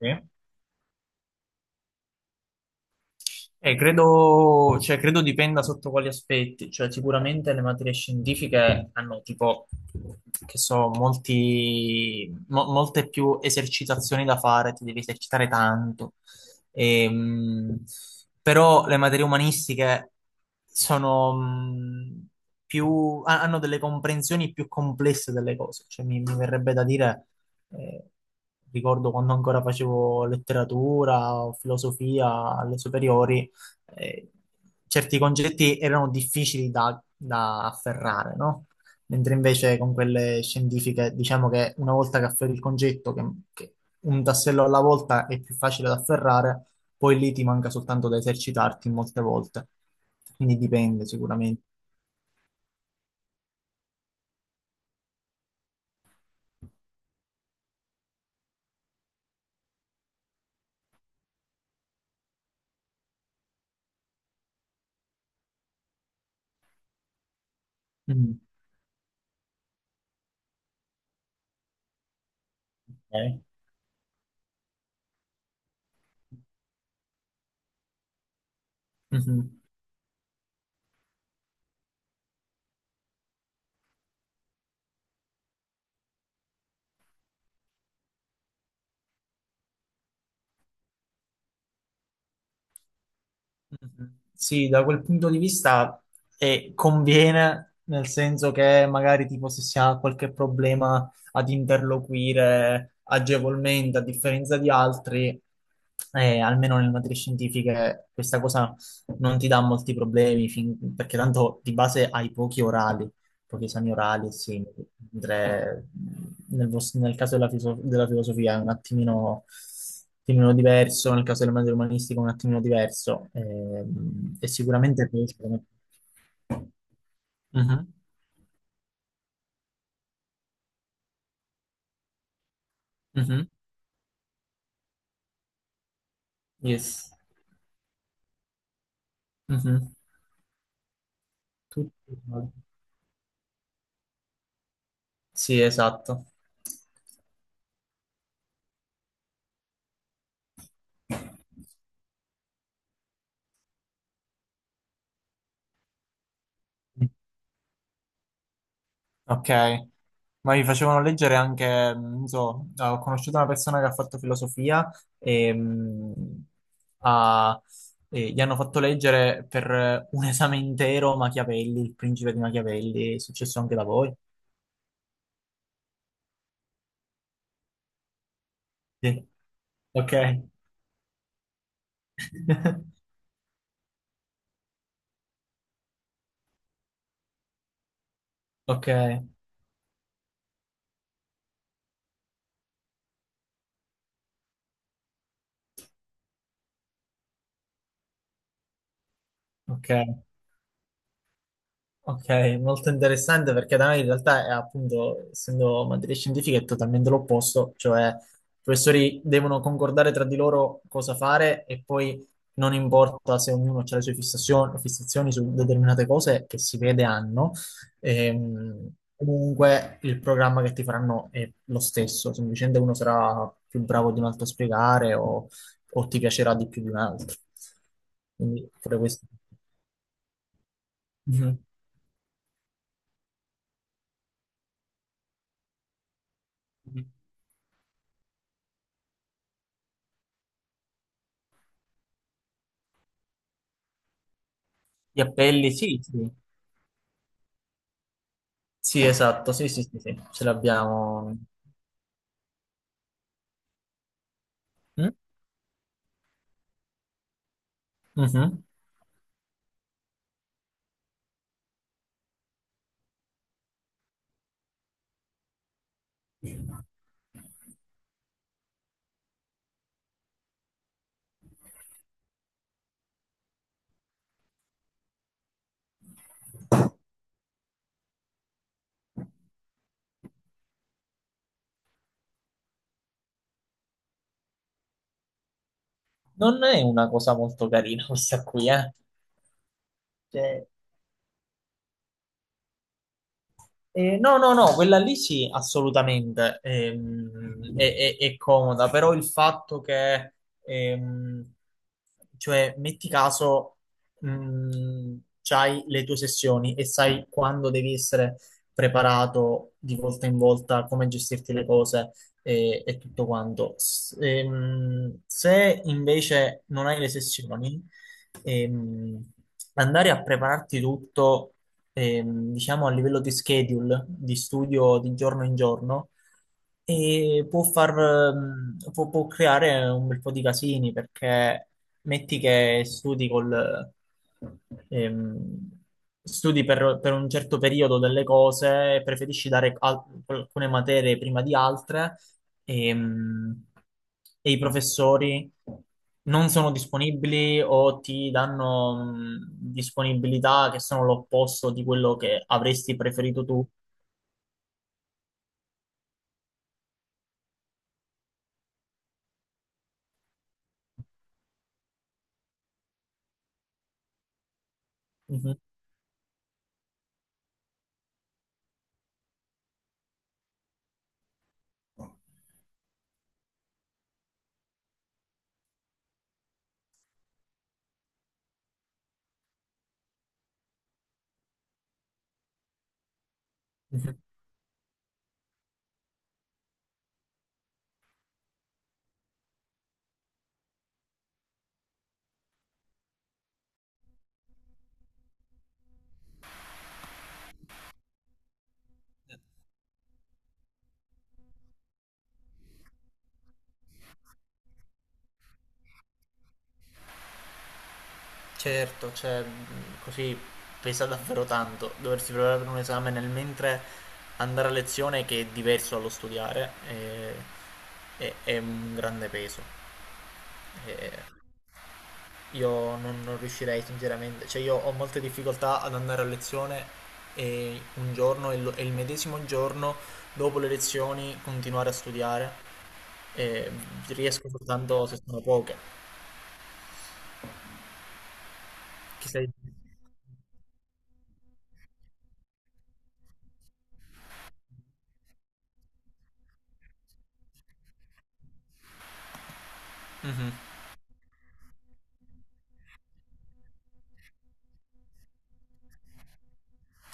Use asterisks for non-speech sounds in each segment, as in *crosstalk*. Sì. Credo dipenda sotto quali aspetti. Cioè sicuramente le materie scientifiche hanno tipo, che so, molte più esercitazioni da fare, ti devi esercitare tanto. Ehm, Però le materie umanistiche sono più, hanno delle comprensioni più complesse delle cose, cioè mi verrebbe da dire, eh, ricordo quando ancora facevo letteratura o filosofia alle superiori. eh, Certi concetti erano difficili da afferrare, no? Mentre invece con quelle scientifiche diciamo che una volta che afferri il concetto, che un tassello alla volta è più facile da afferrare, poi lì ti manca soltanto da esercitarti molte volte. Quindi dipende sicuramente. Mm. Ok. Mhm. Mhm. Sì, da quel punto di vista conviene, nel senso che magari tipo se si ha qualche problema ad interloquire agevolmente, a differenza di altri, almeno nelle materie scientifiche questa cosa non ti dà molti problemi, perché tanto di base hai pochi esami orali e simili. Mentre nel caso della filosofia è un attimino diverso, nel caso delle materie umanistiche è un attimino diverso. E sicuramente riesce come... Mhm, mhm, Yes. Mhm. Tutto uguale. Sì, esatto. Ok, ma mi facevano leggere anche, non so, ho conosciuto una persona che ha fatto filosofia e, ha- e gli hanno fatto leggere per un esame intero Machiavelli, il principe di Machiavelli. È successo anche da voi? Sì. Ok, *laughs* ok, ok. Ok, molto interessante perché da noi in realtà è appunto, essendo materie scientifiche, è totalmente l'opposto, cioè i professori devono concordare tra di loro cosa fare e poi non importa se ognuno ha le sue fissazioni, fissazioni su determinate cose che si vede hanno. Comunque il programma che ti faranno è lo stesso, semplicemente uno sarà più bravo di un altro a spiegare o ti piacerà di più di un altro. Quindi pure questo. Mhm. Gli appelli, sì, sì, sì, esatto, sì, sì, sì, sì, ce l'abbiamo. Mm? Mhm. Non è una cosa molto carina questa qui, eh? Cioè, eh, no, no, no, quella lì sì, assolutamente. È comoda, però il fatto che, ehm, cioè, metti caso, mh, c'hai le tue sessioni e sai quando devi essere preparato di volta in volta, come gestirti le cose e tutto quanto. Se invece non hai le sessioni, ehm, andare a prepararti tutto, diciamo a livello di schedule, di studio di giorno in giorno, e può creare un bel po' di casini perché metti che studi col, ehm, studi per un certo periodo delle cose e preferisci dare alcune materie prima di altre e, e i professori non sono disponibili o ti danno disponibilità che sono l'opposto di quello che avresti preferito tu. Mhm, mhm. Certo, cioè, così pesa davvero tanto doversi preparare per un esame nel mentre andare a lezione, che è diverso dallo studiare. È un grande peso. Eh, Io non riuscirei sinceramente, cioè io ho molte difficoltà ad andare a lezione e un giorno e il medesimo giorno dopo le lezioni continuare a studiare, e riesco soltanto se sono poche. Chi sei? Mhm.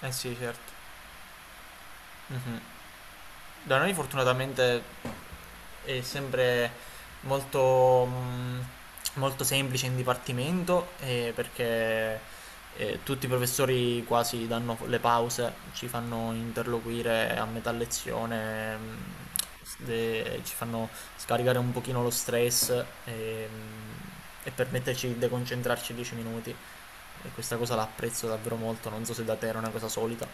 Eh sì, certo. Mhm. Da noi fortunatamente è sempre molto, molto semplice in dipartimento, perché tutti i professori quasi danno le pause, ci fanno interloquire a metà lezione, ci fanno scaricare un pochino lo stress e, mh, e permetterci di deconcentrarci 10 minuti. E questa cosa la apprezzo davvero molto, non so se da te era una cosa solita.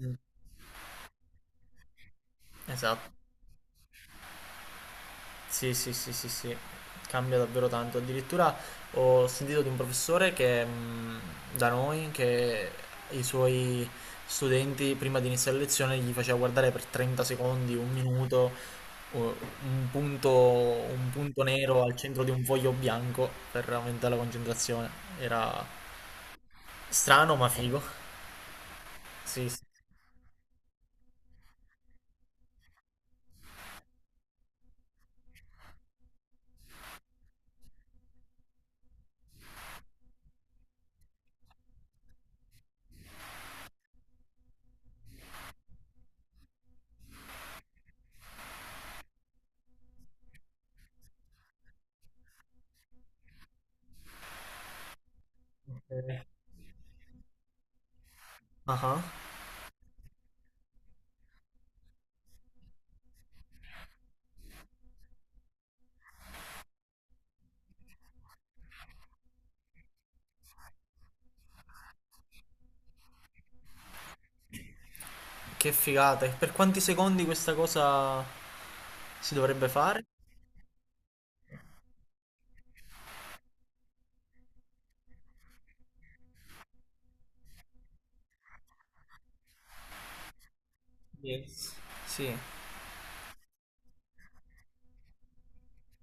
Mm. Esatto. Sì, sì, sì, sì, sì, cambia davvero tanto. Addirittura ho sentito di un professore che da noi, che i suoi studenti prima di iniziare la lezione gli faceva guardare per 30 secondi, un minuto, o- un punto nero al centro di un foglio bianco per aumentare la concentrazione. Era strano ma figo. Sì, sì. Eh, ah ah. Che figata. E per quanti secondi questa cosa si dovrebbe fare? Yes. Sì.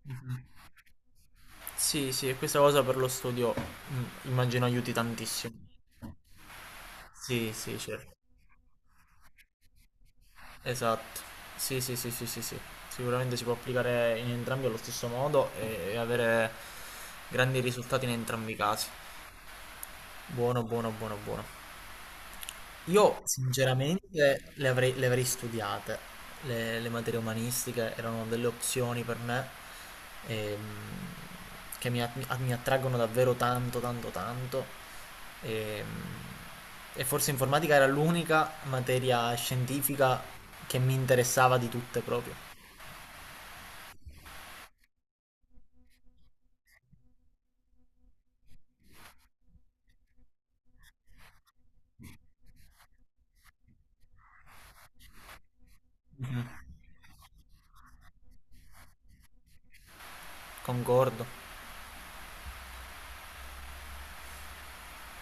Mhm. Sì, sì, e questa cosa per lo studio, immagino aiuti tantissimo. Sì, sì, certo. Esatto. Sì, sì, sì, sì, sì, sì. Sicuramente si può applicare in entrambi allo stesso modo e avere grandi risultati in entrambi i casi. Buono, buono, buono, buono. Io sinceramente le le avrei studiate, le materie umanistiche erano delle opzioni per me, ehm, che mi attraggono davvero tanto, tanto, tanto. ehm, e forse informatica era l'unica materia scientifica che mi interessava di tutte proprio. Mhm. Concordo.